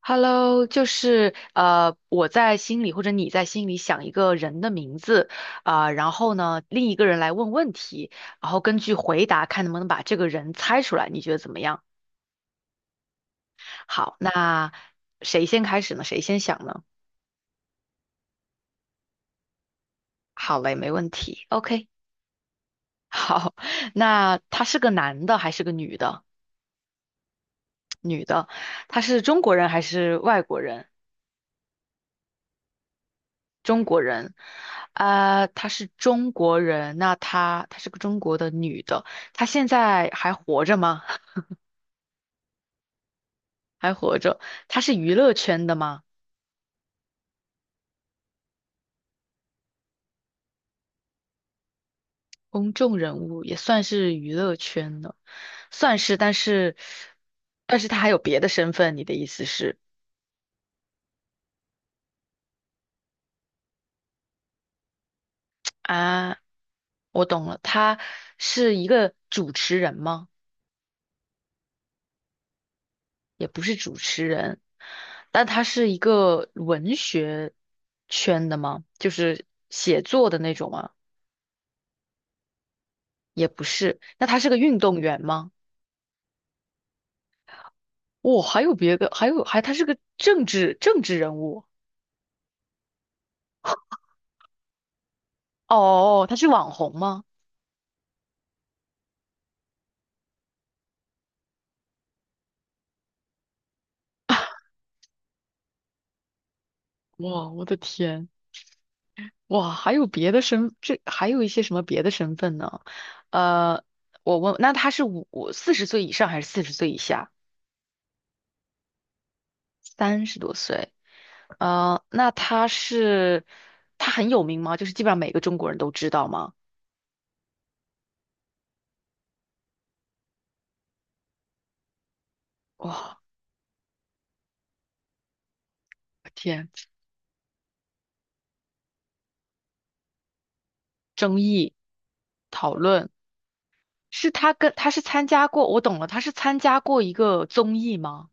Hello，就是我在心里或者你在心里想一个人的名字啊，然后呢，另一个人来问问题，然后根据回答看能不能把这个人猜出来，你觉得怎么样？好，那谁先开始呢？谁先想呢？好嘞，没问题。OK，好，那他是个男的还是个女的？女的，他是中国人还是外国人？中国人，啊，她是中国人，那她是个中国的女的，她现在还活着吗？还活着，她是娱乐圈的吗？公众人物也算是娱乐圈的，算是但是她还有别的身份，你的意思是啊？我懂了，她是一个主持人吗？也不是主持人，但她是一个文学圈的吗？就是写作的那种吗？也不是。那他是个运动员吗？哦，还有别的，还有他是个政治人物。哦，他是网红吗？哇，我的天！哇，还有别的身，这还有一些什么别的身份呢？呃，我问，那他是四十岁以上还是四十岁以下？30多岁。呃，那他是他很有名吗？就是基本上每个中国人都知道吗？哇，我天，争议讨论。是他跟他是参加过，我懂了，他是参加过一个综艺吗？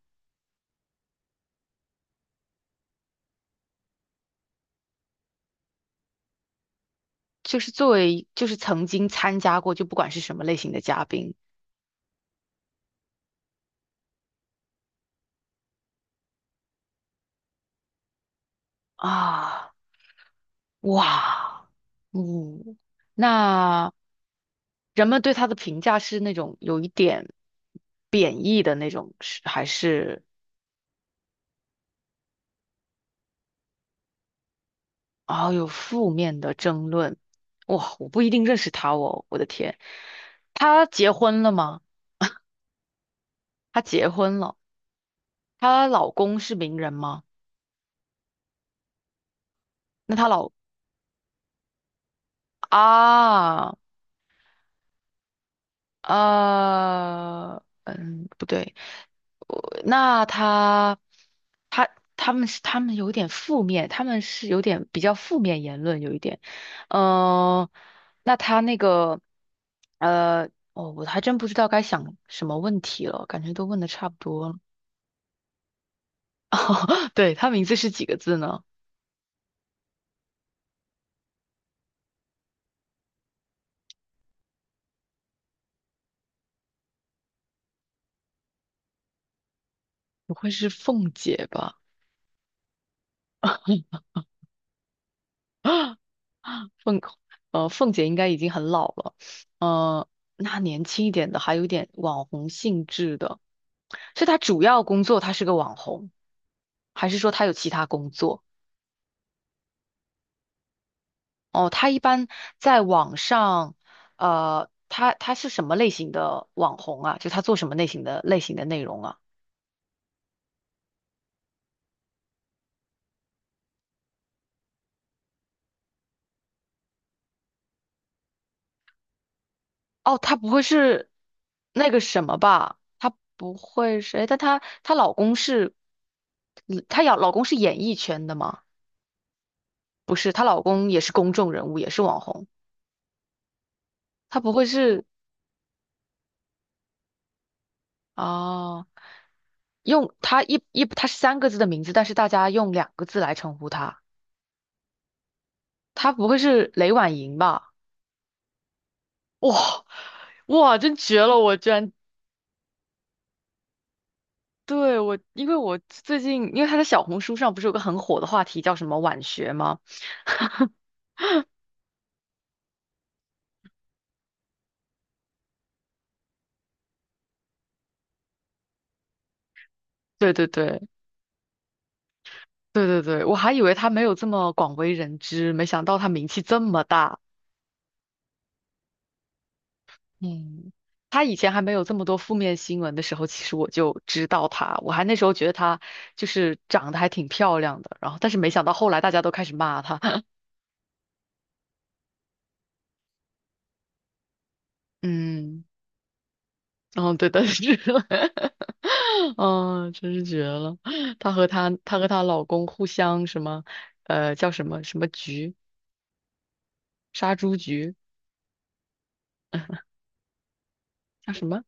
就是作为就是曾经参加过，就不管是什么类型的嘉宾啊，哇，嗯，那人们对他的评价是那种有一点贬义的那种，是还是啊有负面的争论？哇，我不一定认识他哦，我的天，他结婚了吗？他结婚了，她老公是名人吗？那她老啊，呃，嗯，不对，我那他，他他们是他们有点负面，他们是有点比较负面言论，有一点，嗯、那他那个，呃，哦，我还真不知道该想什么问题了，感觉都问的差不多了。对，他名字是几个字呢？不会是凤姐吧？凤凤姐应该已经很老了，呃，那年轻一点的还有点网红性质的，是她主要工作她是个网红，还是说她有其他工作？哦，她一般在网上，她是什么类型的网红啊？就她做什么类型的内容啊？哦，她不会是那个什么吧？她不会是，诶但她老公是，她要老公是演艺圈的吗？不是，她老公也是公众人物，也是网红。她不会是哦，用她一一她是三个字的名字，但是大家用两个字来称呼她。她不会是雷婉莹吧？哇哇，真绝了！我居然对我，因为我最近因为她在小红书上不是有个很火的话题叫什么晚学吗？对对对对对对，我还以为她没有这么广为人知，没想到她名气这么大。嗯，他以前还没有这么多负面新闻的时候，其实我就知道他，我还那时候觉得他就是长得还挺漂亮的，然后但是没想到后来大家都开始骂他，嗯，嗯，对的是，嗯，真是绝了，她和她老公互相什么，叫什么什么局，杀猪局叫什么？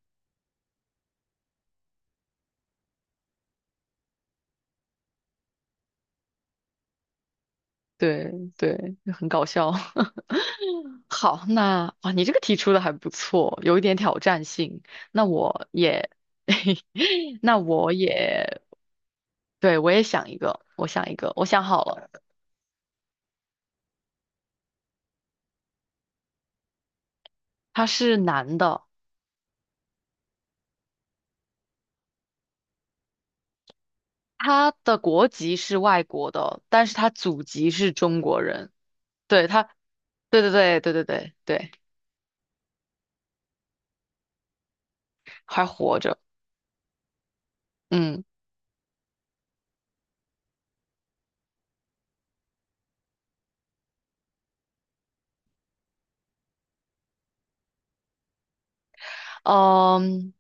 对对，就很搞笑。好，那哇，你这个题出的还不错，有一点挑战性。那我也，那我也，对，我也想一个，我想一个，我想好了，他是男的，他的国籍是外国的，但是他祖籍是中国人。对，对对对对对对对，还活着。嗯。嗯，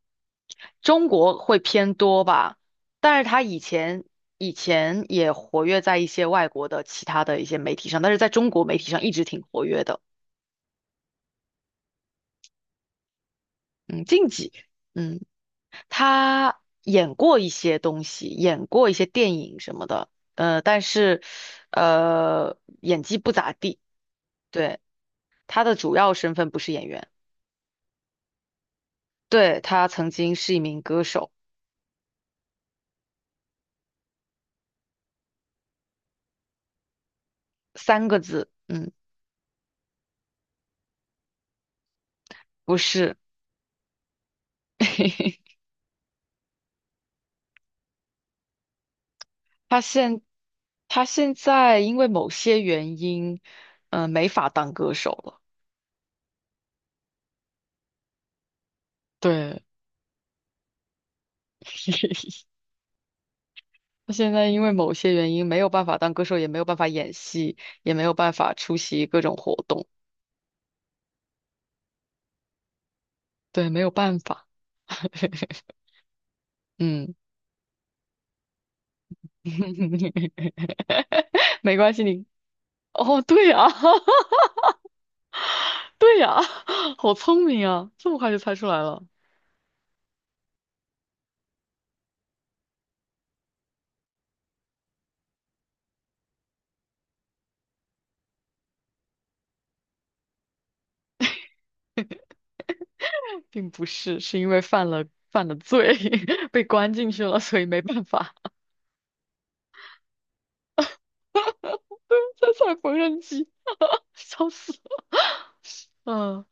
中国会偏多吧，但是他以前也活跃在一些外国的其他的一些媒体上，但是在中国媒体上一直挺活跃的。嗯，近几，嗯，他演过一些东西，演过一些电影什么的，但是演技不咋地。对，他的主要身份不是演员，对，他曾经是一名歌手，三个字，嗯，不是。他现他现在因为某些原因，没法当歌手了。对，他现在因为某些原因没有办法当歌手，也没有办法演戏，也没有办法出席各种活动。对，没有办法。嗯，没关系。哦，对呀、对呀、好聪明啊，这么快就猜出来了，并不是，是因为犯了罪，被关进去了，所以没办法。在踩缝纫机，笑死了。嗯，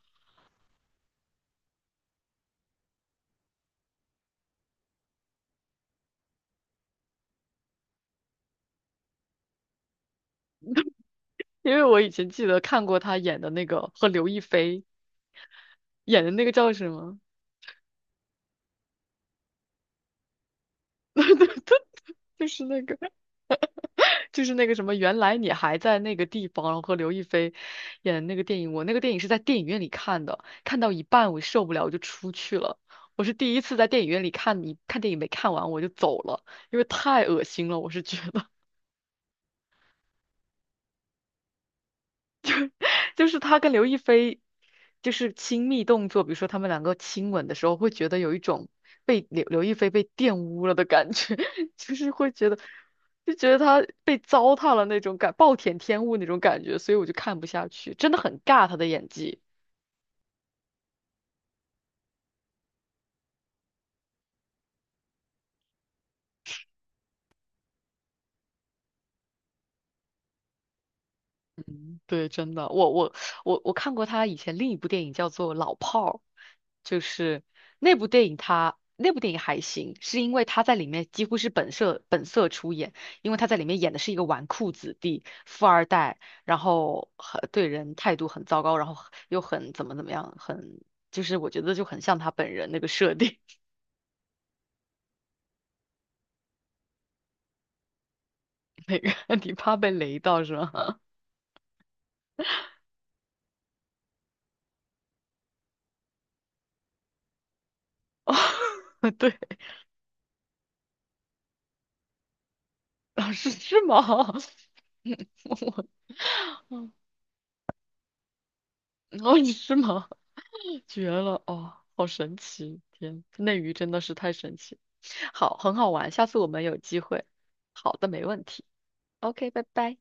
因为我以前记得看过他演的那个和刘亦菲演的那个叫什么，就是那个就是那个什么，原来你还在那个地方，然后和刘亦菲演的那个电影，我那个电影是在电影院里看的，看到一半我受不了，我就出去了。我是第一次在电影院里看你看电影没看完我就走了，因为太恶心了，我是觉得。就是他跟刘亦菲就是亲密动作，比如说他们两个亲吻的时候，会觉得有一种被刘亦菲被玷污了的感觉，就是会觉得就觉得他被糟蹋了那种感，暴殄天物那种感觉，所以我就看不下去，真的很尬他的演技。嗯对，真的，我看过他以前另一部电影叫做《老炮儿》，就是那部电影还行，是因为他在里面几乎是本色出演，因为他在里面演的是一个纨绔子弟、富二代，然后很对人态度很糟糕，然后又很怎么怎么样，很就是我觉得就很像他本人那个设定，那个你怕被雷到是吗？哦对，老师是吗？嗯我。哦，你是吗？绝了！哦，好神奇！天，内娱真的是太神奇。好，很好玩，下次我们有机会。好的，没问题。OK，拜拜。